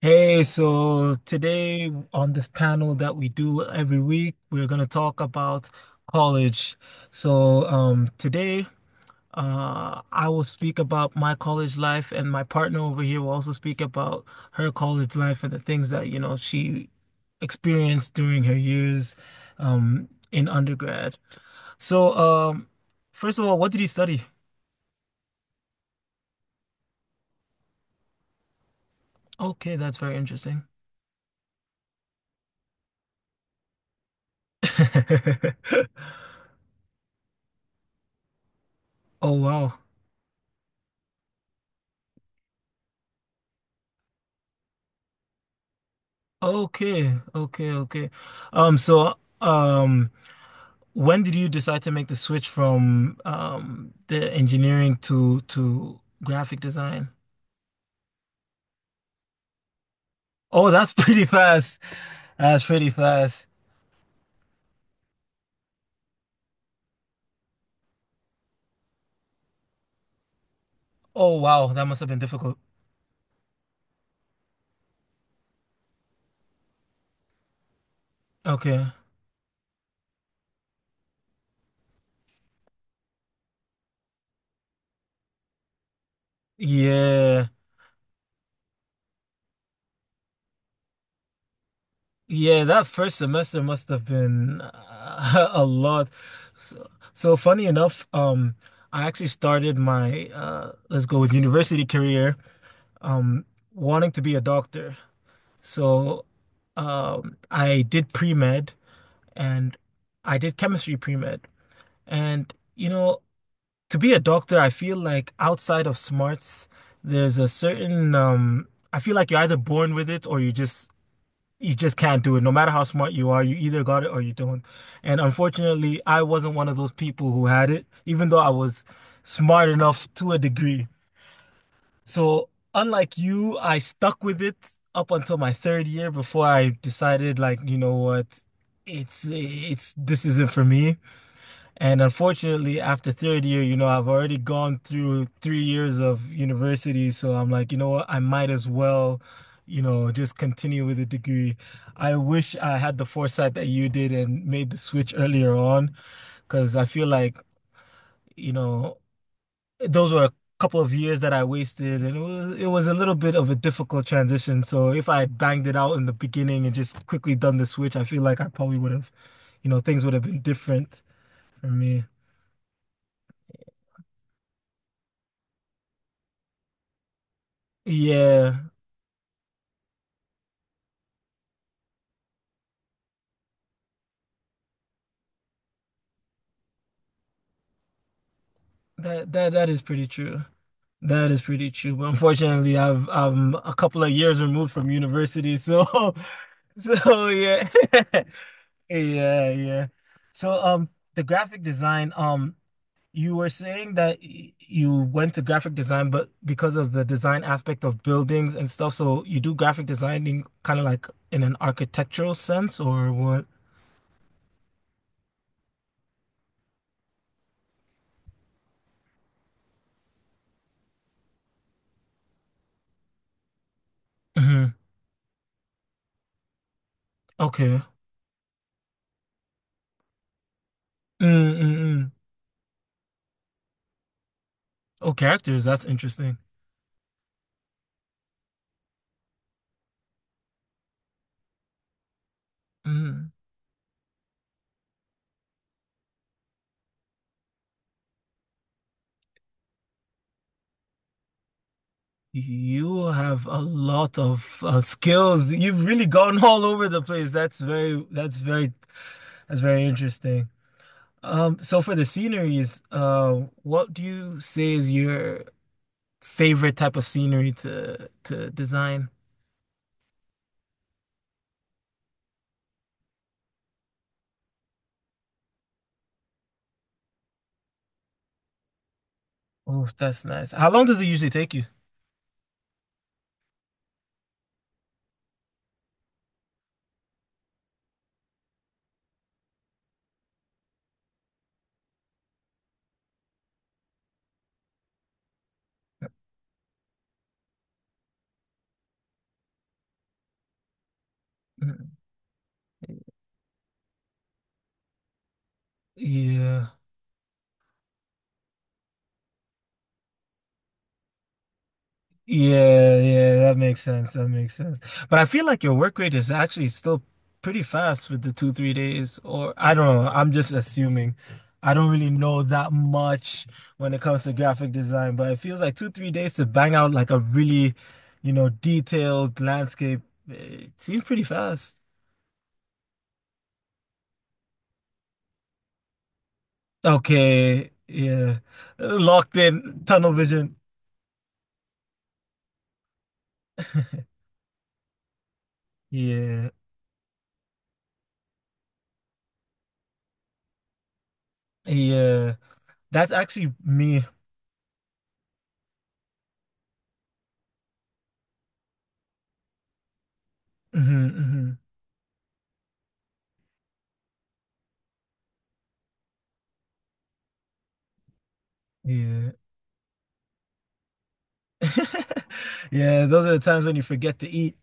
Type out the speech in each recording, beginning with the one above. Hey, so today on this panel that we do every week, we're going to talk about college. So, today, I will speak about my college life, and my partner over here will also speak about her college life and the things that she experienced during her years, in undergrad. So, first of all, what did you study? Okay, that's very interesting. Oh, wow. Okay, okay, okay. So um, when did you decide to make the switch from the engineering to graphic design? Oh, that's pretty fast. That's pretty fast. Oh, wow, that must have been difficult. Okay. Yeah. Yeah, that first semester must have been a lot. So, funny enough, I actually started my let's go with university career, um, wanting to be a doctor. So I did pre-med and I did chemistry pre-med. And to be a doctor, I feel like outside of smarts, there's a certain I feel like you're either born with it or you just can't do it. No matter how smart you are, you either got it or you don't. And unfortunately, I wasn't one of those people who had it, even though I was smart enough to a degree. So unlike you, I stuck with it up until my third year before I decided like, you know what, it's this isn't for me. And unfortunately, after third year I've already gone through 3 years of university, so I'm like, you know what, I might as well just continue with the degree. I wish I had the foresight that you did and made the switch earlier on, because I feel like, you know those were a couple of years that I wasted, and it was a little bit of a difficult transition. So if I had banged it out in the beginning and just quickly done the switch, I feel like I probably would have things would have been different for me. Yeah, that is pretty true. That is pretty true. But unfortunately, I'm a couple of years removed from university, so so yeah. Yeah, yeah. So the graphic design, you were saying that you went to graphic design, but because of the design aspect of buildings and stuff, so you do graphic designing kind of like in an architectural sense or what? Hmm. Okay. Mm-mm-mm. Oh, characters, that's interesting. Mm. You have a lot of skills. You've really gone all over the place. That's very interesting. So for the sceneries, what do you say is your favorite type of scenery to design? Oh, that's nice. How long does it usually take you? Mhm. Yeah. Yeah, yeah, that makes sense. That makes sense. But I feel like your work rate is actually still pretty fast with the two, 3 days, or I don't know. I'm just assuming. I don't really know that much when it comes to graphic design, but it feels like two, 3 days to bang out like a really detailed landscape. It seems pretty fast. Okay, yeah. Locked in, tunnel vision. Yeah, yeah. That's actually me. Hmm. Hmm. Yeah. Yeah, those are the times when you forget to eat.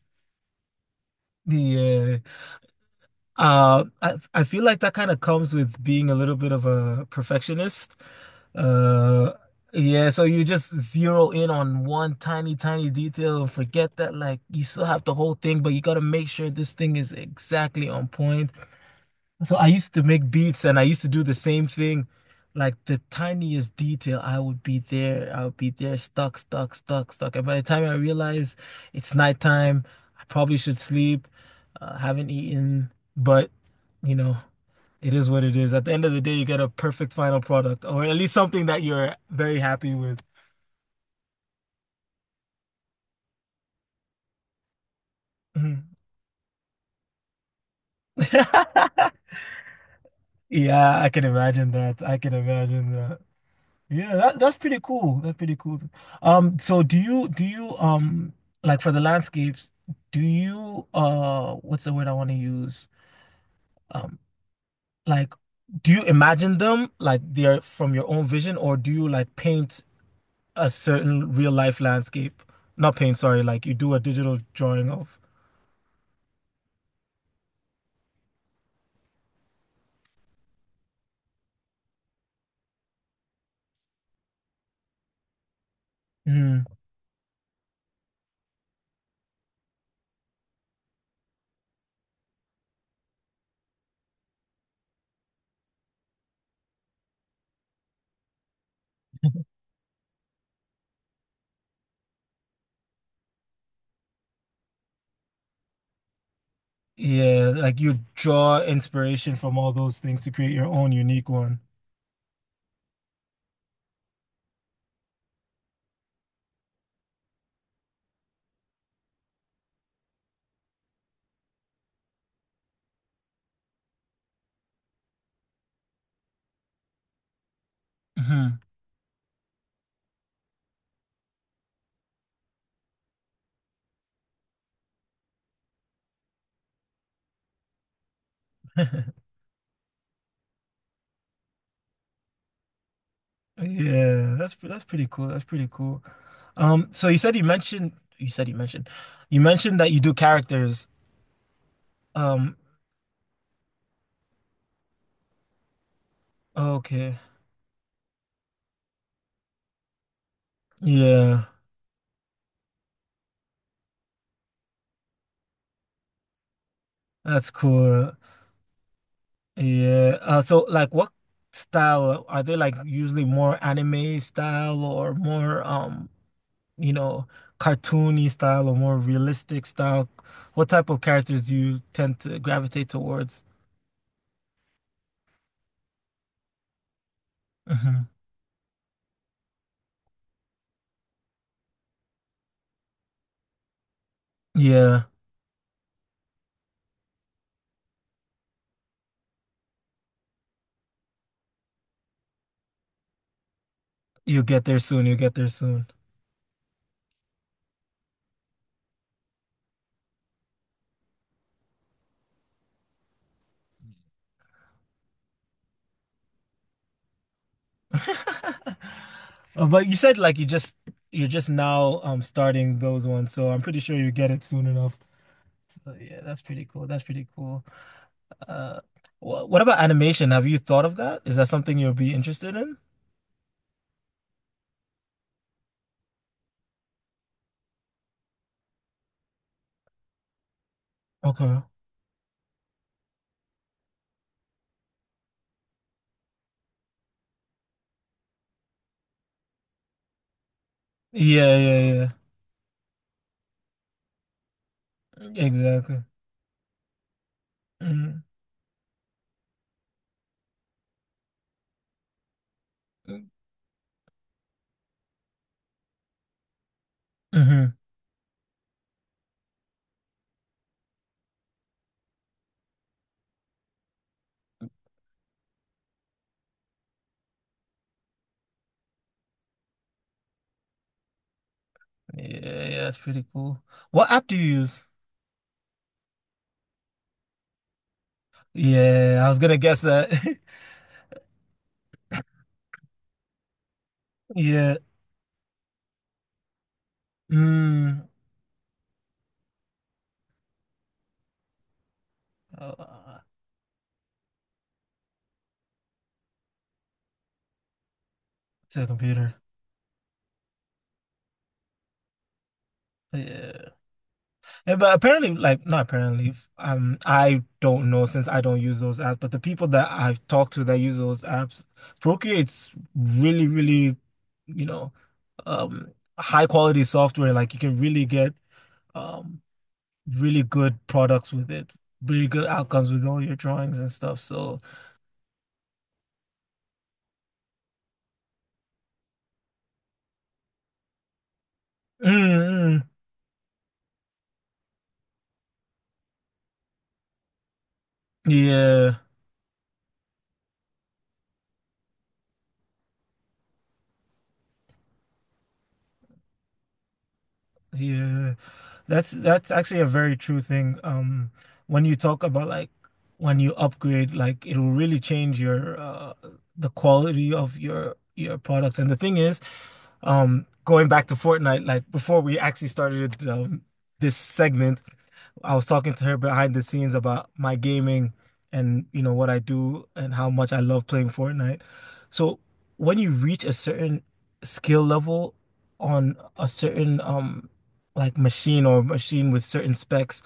Yeah. I feel like that kind of comes with being a little bit of a perfectionist. Uh, yeah, so you just zero in on one tiny, tiny detail and forget that like you still have the whole thing, but you gotta make sure this thing is exactly on point. So I used to make beats and I used to do the same thing. Like the tiniest detail, I would be there, I would be there, stuck, stuck, stuck, stuck. And by the time I realize it's nighttime, I probably should sleep, haven't eaten, but you know, it is what it is. At the end of the day, you get a perfect final product, or at least something that you're very happy with. Mhm. Yeah, I can imagine that. I can imagine that. Yeah, that's pretty cool. That's pretty cool. So do you like for the landscapes, do you what's the word I want to use? Um, like do you imagine them like they're from your own vision or do you like paint a certain real life landscape? Not paint, sorry, like you do a digital drawing of. Mm. Yeah, like you draw inspiration from all those things to create your own unique one. Hmm. Yeah, that's pretty cool. That's pretty cool. So you said you mentioned you said you mentioned that you do characters. Um, okay. Yeah, that's cool. Yeah. So like what style are they like usually more anime style or more you know, cartoony style or more realistic style? What type of characters do you tend to gravitate towards? Hmm. Yeah, you'll get there soon. You'll get there soon. But you said like you're just now starting those ones, so I'm pretty sure you get it soon enough. So yeah, that's pretty cool. That's pretty cool. Uh, wh what about animation? Have you thought of that? Is that something you'll be interested in? Okay. Yeah, yeah, yeah. Exactly. Mm-hmm. Hmm. Yeah, yeah, that's pretty cool. What app do you use? Yeah, I was gonna guess that. Yeah. Mm. Oh, to the computer. Yeah, but apparently, like, not apparently, I don't know since I don't use those apps, but the people that I've talked to that use those apps, Procreate's really, really, you know, um, high quality software. Like, you can really get, um, really good products with it, really good outcomes with all your drawings and stuff. So, mm, mm, yeah. Yeah, that's actually a very true thing. When you talk about like when you upgrade, like it'll really change your the quality of your products. And the thing is, going back to Fortnite, like before we actually started this segment, I was talking to her behind the scenes about my gaming and you know what I do and how much I love playing Fortnite. So when you reach a certain skill level on a certain like machine or machine with certain specs,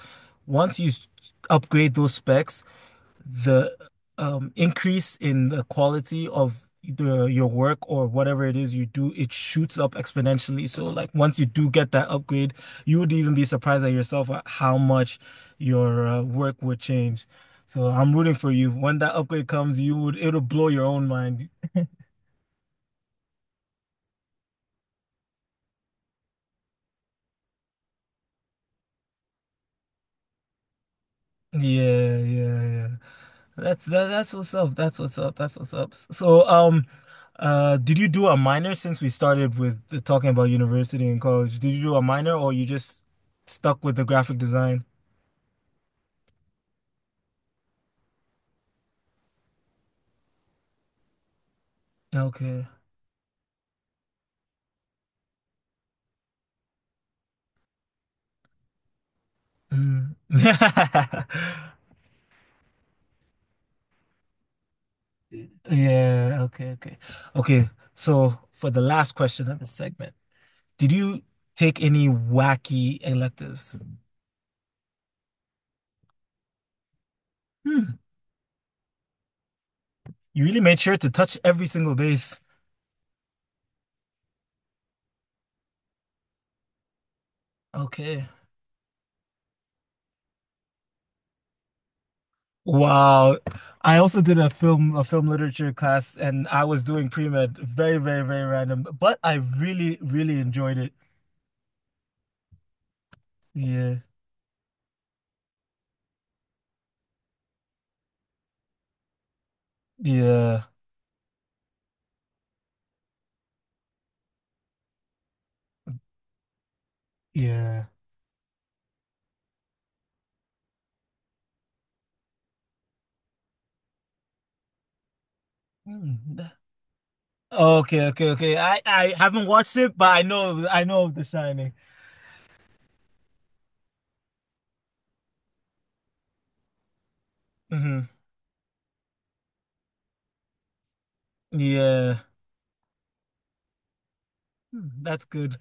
once you upgrade those specs, the increase in the quality of your work or whatever it is you do, it shoots up exponentially. So like once you do get that upgrade, you would even be surprised at yourself at how much your work would change. So I'm rooting for you. When that upgrade comes, you would it'll blow your own mind. Yeah, yeah, yeah. That's what's up. That's what's up. That's what's up. So, did you do a minor since we started with talking about university and college? Did you do a minor or you just stuck with the graphic design? Okay. Mm. Yeah, okay, okay. Okay, so for the last question of the segment, did you take any wacky electives? Hmm. You really made sure to touch every single base. Okay. Wow. I also did a film literature class and I was doing pre-med. Very, very, very random. But I really, really enjoyed it. Yeah. Yeah. Yeah. Mm. Okay, okay, okay. I haven't watched it, but I know of The Shining. Hmm. Yeah. Hmm, that's good.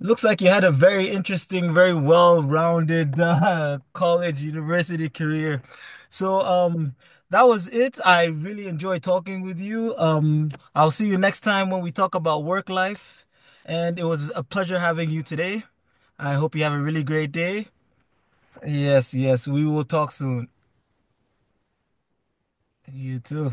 Looks like you had a very interesting, very well-rounded college, university career. So, that was it. I really enjoyed talking with you. I'll see you next time when we talk about work life. And it was a pleasure having you today. I hope you have a really great day. Yes, yes, we will talk soon. You too.